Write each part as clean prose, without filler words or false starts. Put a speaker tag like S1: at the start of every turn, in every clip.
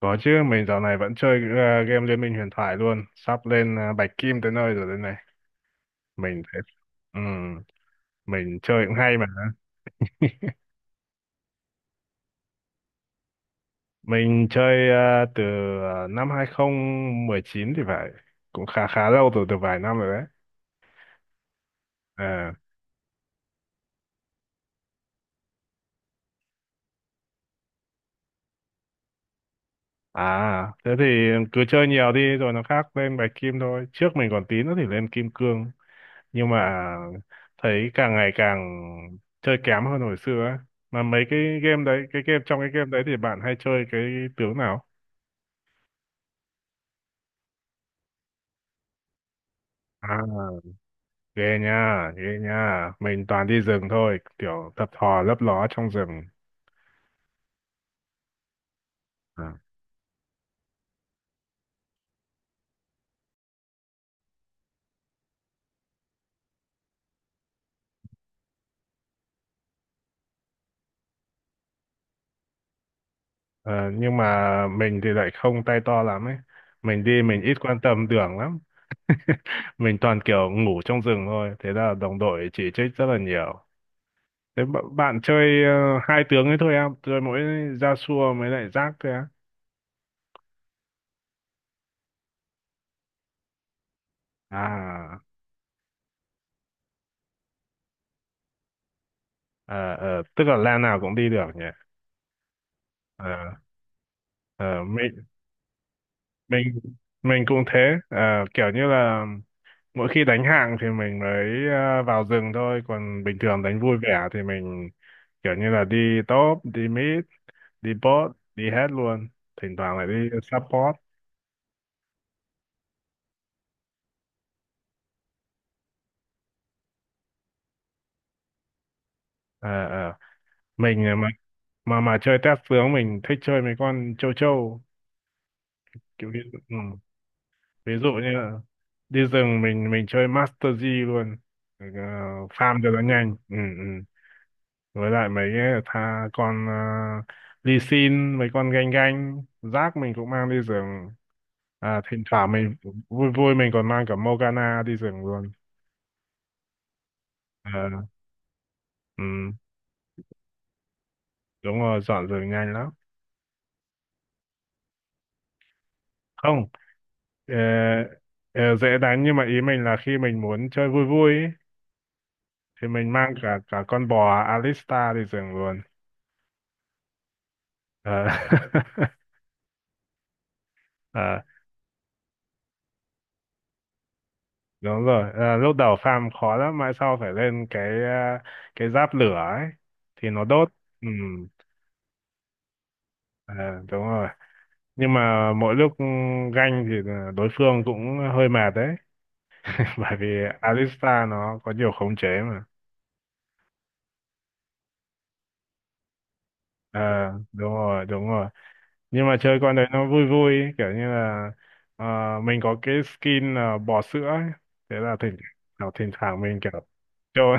S1: Có chứ, mình dạo này vẫn chơi game Liên minh huyền thoại luôn, sắp lên bạch kim tới nơi rồi đây này. Mình thấy, ừm, mình chơi cũng hay mà. Mình chơi từ năm 2019 thì phải, cũng khá khá lâu rồi, từ vài năm rồi đấy. À, à, thế thì cứ chơi nhiều đi rồi nó khác lên bạch kim thôi. Trước mình còn tí nữa thì lên kim cương. Nhưng mà thấy càng ngày càng chơi kém hơn hồi xưa ấy. Mà mấy cái game đấy, cái game trong cái game đấy thì bạn hay chơi cái tướng nào? À, ghê nha, ghê nha. Mình toàn đi rừng thôi, kiểu thập thò lấp ló trong rừng. À, ờ, nhưng mà mình thì lại không tay to lắm ấy. Mình đi mình ít quan tâm đường lắm. Mình toàn kiểu ngủ trong rừng thôi. Thế là đồng đội chỉ trích rất là nhiều. Thế bạn chơi hai tướng ấy thôi à? Chơi mỗi Yasuo mới lại rác thôi á. À, ờ, tức là lan nào cũng đi được nhỉ. Ờ, ờ, mình, mình cũng thế. Ờ, kiểu như là mỗi khi đánh hạng thì mình mới vào rừng thôi. Còn bình thường đánh vui vẻ thì mình kiểu như là đi top, đi mid, đi bot, đi hết luôn. Thỉnh thoảng lại đi support. Ờ, ờ. Mình mà chơi test tướng mình thích chơi mấy con châu châu kiểu ví dụ, ừ. Ví dụ như là đi rừng mình chơi Master G luôn. Ờ, farm cho nó nhanh, ừ, ừ. Với lại mấy cái tha con uh, Lee Sin mấy con ganh ganh rác mình cũng mang đi rừng. À, thỉnh thoảng mình vui vui mình còn mang cả Morgana đi rừng luôn. Ờ, ừ. Đúng rồi dọn rừng nhanh lắm. Không, ờ, dễ đánh nhưng mà ý mình là khi mình muốn chơi vui vui ý, thì mình mang cả cả con bò Alistar đi rừng luôn. Ờ. ờ, Đúng rồi. Ờ, lúc đầu farm khó lắm mãi sau phải lên cái, cái giáp lửa ấy thì nó đốt, ừ. ờ, Đúng rồi, nhưng mà mỗi lúc ganh thì là đối phương cũng hơi mệt đấy. Bởi vì Alistar nó có nhiều khống chế mà. Ờ, đúng rồi đúng rồi, nhưng mà chơi con đấy nó vui vui ấy, kiểu như là ờ, mình có cái skin là bò sữa ấy. Thế là thỉnh thoảng mình kiểu trôn.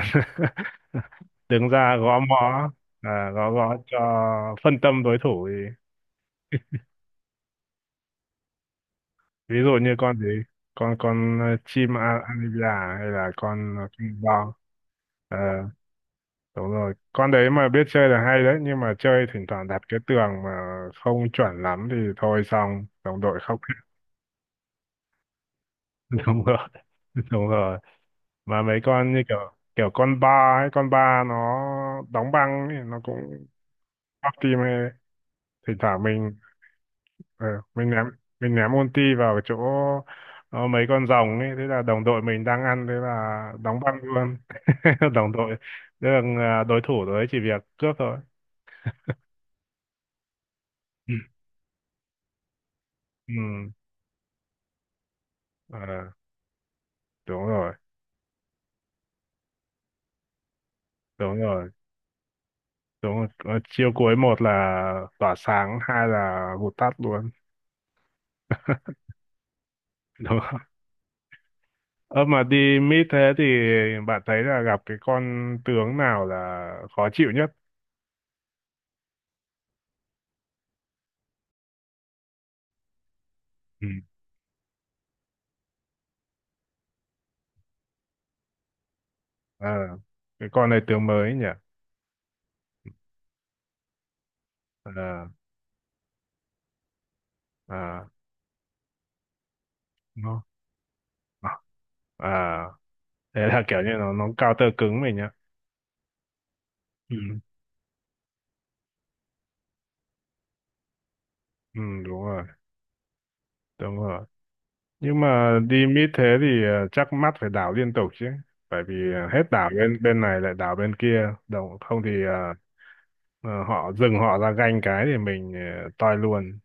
S1: Đứng ra gõ mõ. À, gõ gõ cho phân tâm đối thủ thì ví dụ như con gì, con chim Anivia hay là con bò. Ờ, đúng rồi con đấy mà biết chơi là hay đấy nhưng mà chơi thỉnh thoảng đạp cái tường mà không chuẩn lắm thì thôi xong đồng đội khóc. Đúng rồi đúng rồi, mà mấy con như kiểu kiểu con ba hay con ba nó đóng băng ấy, nó cũng bóc tim. Hay thỉnh thoảng mình ờ, mình ném mình ném ulti vào chỗ, mấy con rồng ấy thế là đồng đội mình đang ăn thế là đóng băng luôn. Đồng đội. Thế là đối thủ đấy chỉ việc cướp thôi. Ừ, ừ, ờ, đúng rồi đúng rồi đúng rồi. Ờ, chiêu cuối, một là tỏa sáng hai là vụt tắt luôn. Đúng. Ơ mà đi mít thế thì bạn thấy là gặp cái con tướng nào là khó chịu nhất? Ừ. Ờ, cái con này tướng mới nhỉ? Ờ, à, nó, à, à, thế là kiểu như nó counter cứng mình nhá. Ừ. Ừ, đúng rồi, đúng rồi. Nhưng mà đi mid thế thì chắc mắt phải đảo liên tục chứ. Bởi vì hết đảo bên bên này lại đảo bên kia. Không thì họ dừng họ ra ganh cái thì mình toi luôn.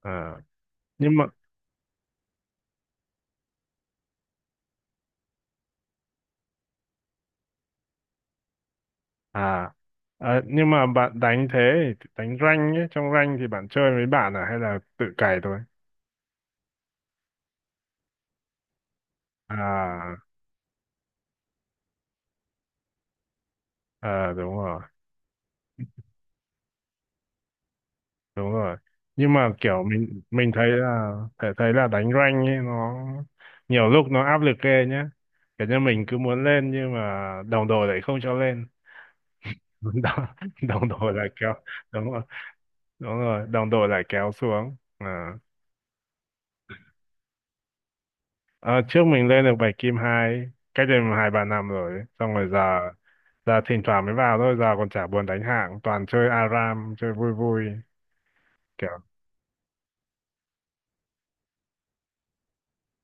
S1: Ờ. nhưng mà à nhưng mà bạn đánh thế thì đánh rank ấy, trong rank thì bạn chơi với bạn à hay là tự cày thôi à? Ờ, Đúng rồi đúng rồi, nhưng mà kiểu mình thấy là thấy thấy là đánh rank ấy nó nhiều lúc nó áp lực ghê nhá, kiểu như mình cứ muốn lên nhưng mà đồng đội lại không cho lên. Đồng, đồng đội lại kéo, đúng rồi đúng rồi đồng đội lại kéo xuống à. Ờ, trước mình lên được 7 kim 2 cách đây mà hai ba năm rồi xong rồi giờ giờ thỉnh thoảng mới vào thôi, giờ còn chả buồn đánh hạng toàn chơi ARAM chơi vui vui, kiểu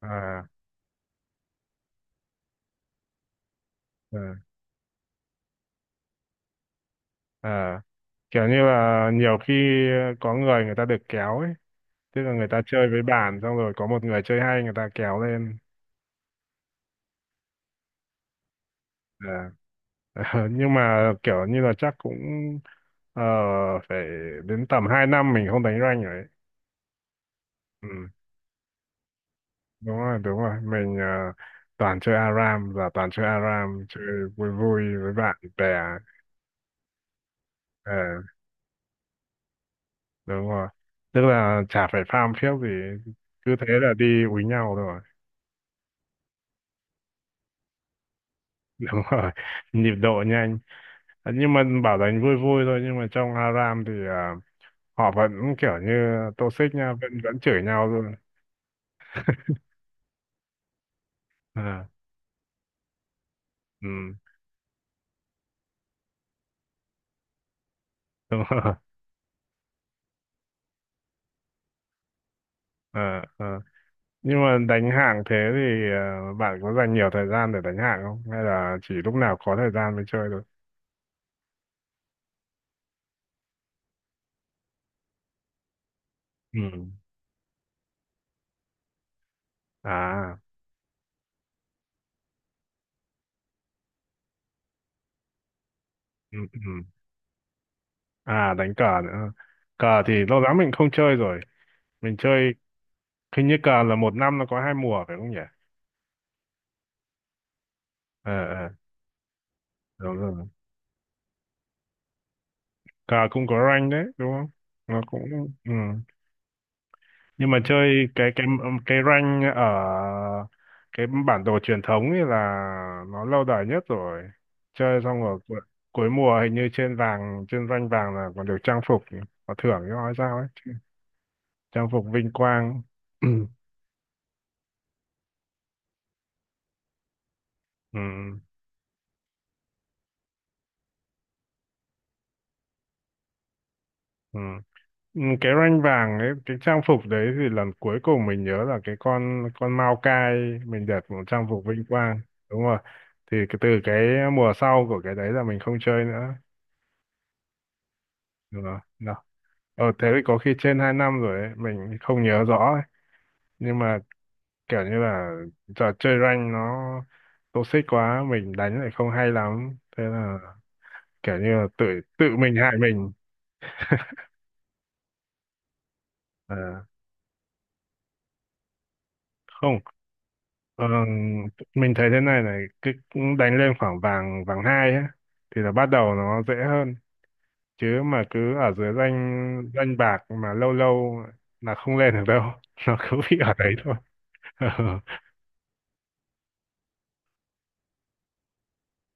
S1: à, ờ, ờ. kiểu như là nhiều khi có người người ta được kéo ấy, tức là người ta chơi với bạn xong rồi có một người chơi hay người ta kéo lên. Ờ, nhưng mà kiểu như là chắc cũng ờ, phải đến tầm 2 năm mình không đánh rank rồi ấy. Ừ. Đúng rồi đúng rồi mình toàn chơi ARAM và toàn chơi ARAM chơi vui vui với bạn bè. Ờ, đúng rồi, tức là chả phải farm phiếc gì cứ thế là đi úi nhau rồi. Đúng rồi, nhịp độ nhanh. Ờ, nhưng mà bảo đánh vui vui thôi nhưng mà trong ARAM thì họ vẫn kiểu như toxic nha, vẫn vẫn chửi nhau luôn. Ờ, ừ, đúng rồi. Ờ, ờ. Nhưng mà đánh hạng thế thì bạn có dành nhiều thời gian để đánh hạng không hay là chỉ lúc nào có thời gian mới chơi thôi? Ừ. À ừ, ừ. À, đánh cờ nữa. Cờ thì lâu lắm mình không chơi rồi. Mình chơi, hình như cờ là một năm nó có 2 mùa phải không nhỉ? Ờ, ờ, đúng rồi, cờ cũng có rank đấy đúng không, nó cũng, ừ. Nhưng mà chơi cái cái rank ở cái bản đồ truyền thống ấy là nó lâu đời nhất rồi. Chơi xong rồi cuối mùa hình như trên vàng, trên rank vàng là còn được trang phục, có thưởng cho nói sao ấy, trang phục vinh quang. Ừ. Ừ. Ừ, cái rank vàng ấy cái trang phục đấy thì lần cuối cùng mình nhớ là cái con Mao Cai, mình đẹp một trang phục vinh quang đúng rồi. Thì cái, từ cái mùa sau của cái đấy là mình không chơi nữa. Đúng rồi. Ờ thế thì có khi trên 2 năm rồi ấy, mình không nhớ rõ ấy. Nhưng mà kiểu như là giờ chơi rank nó toxic quá, mình đánh lại không hay lắm. Thế là kiểu như là tự tự mình hại mình. Ờ, không, ờ, mình thấy thế này này, cứ đánh lên khoảng vàng vàng hai ấy, thì là bắt đầu nó dễ hơn. Chứ mà cứ ở dưới rank rank bạc mà lâu lâu là không lên được đâu. Nó cứ bị ở đấy thôi. Ờ,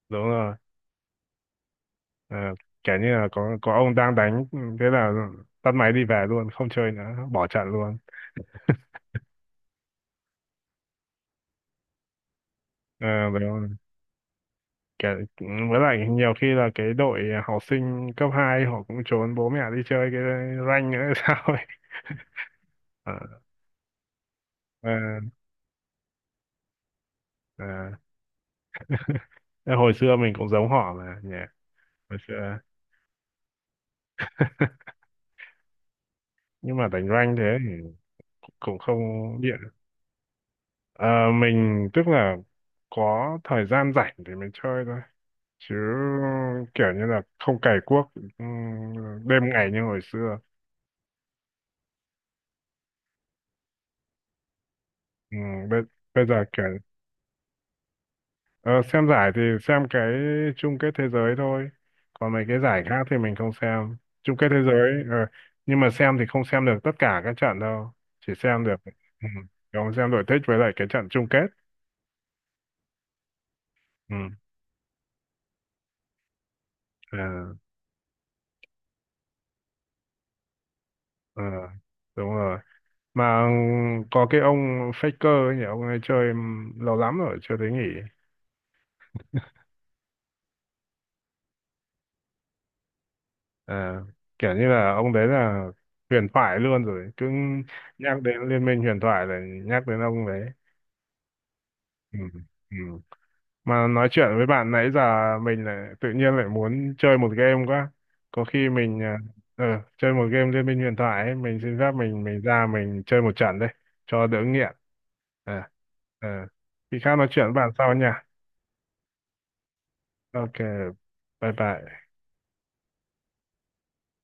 S1: đúng rồi. Ờ, kiểu như là có ông đang đánh, ừ, thế là tắt máy đi về luôn không chơi nữa, bỏ trận luôn. Ờ, đúng rồi. Kiểu, ừ, với lại nhiều khi là cái đội học sinh cấp 2 họ cũng trốn bố mẹ đi chơi cái rank nữa hay sao ấy. Ờ, ờ, ờ. Thế hồi xưa mình cũng giống họ mà nhỉ, hồi xưa. Nhưng mà đánh rank thế thì cũng không điện. Ờ, mình tức là có thời gian rảnh thì mình chơi thôi chứ kiểu như là không cày cuốc ừm, đêm ngày như hồi xưa. Ừ, bây, bây giờ kiểu ờ, xem giải thì xem cái chung kết thế giới thôi, còn mấy cái giải khác thì mình không xem. Chung kết thế giới, nhưng mà xem thì không xem được tất cả các trận đâu, chỉ xem được, ừ, không, xem đội thích với lại cái trận chung kết. Ừ, ờ, ờ, đúng rồi. Mà có cái ông Faker ấy nhỉ, ông ấy chơi lâu lắm rồi chưa thấy nghỉ. À, kiểu như là ông đấy là huyền thoại luôn rồi, cứ nhắc đến liên minh huyền thoại là nhắc đến ông đấy. Ừ. Ừ. Mà nói chuyện với bạn nãy giờ mình lại tự nhiên lại muốn chơi một game quá, có khi mình ờ, chơi một game liên minh huyền thoại ấy, mình xin phép mình ra mình chơi một trận đây cho đỡ nghiện. à, à. Khi khác nói chuyện với bạn sau nha. Ok, bye bye.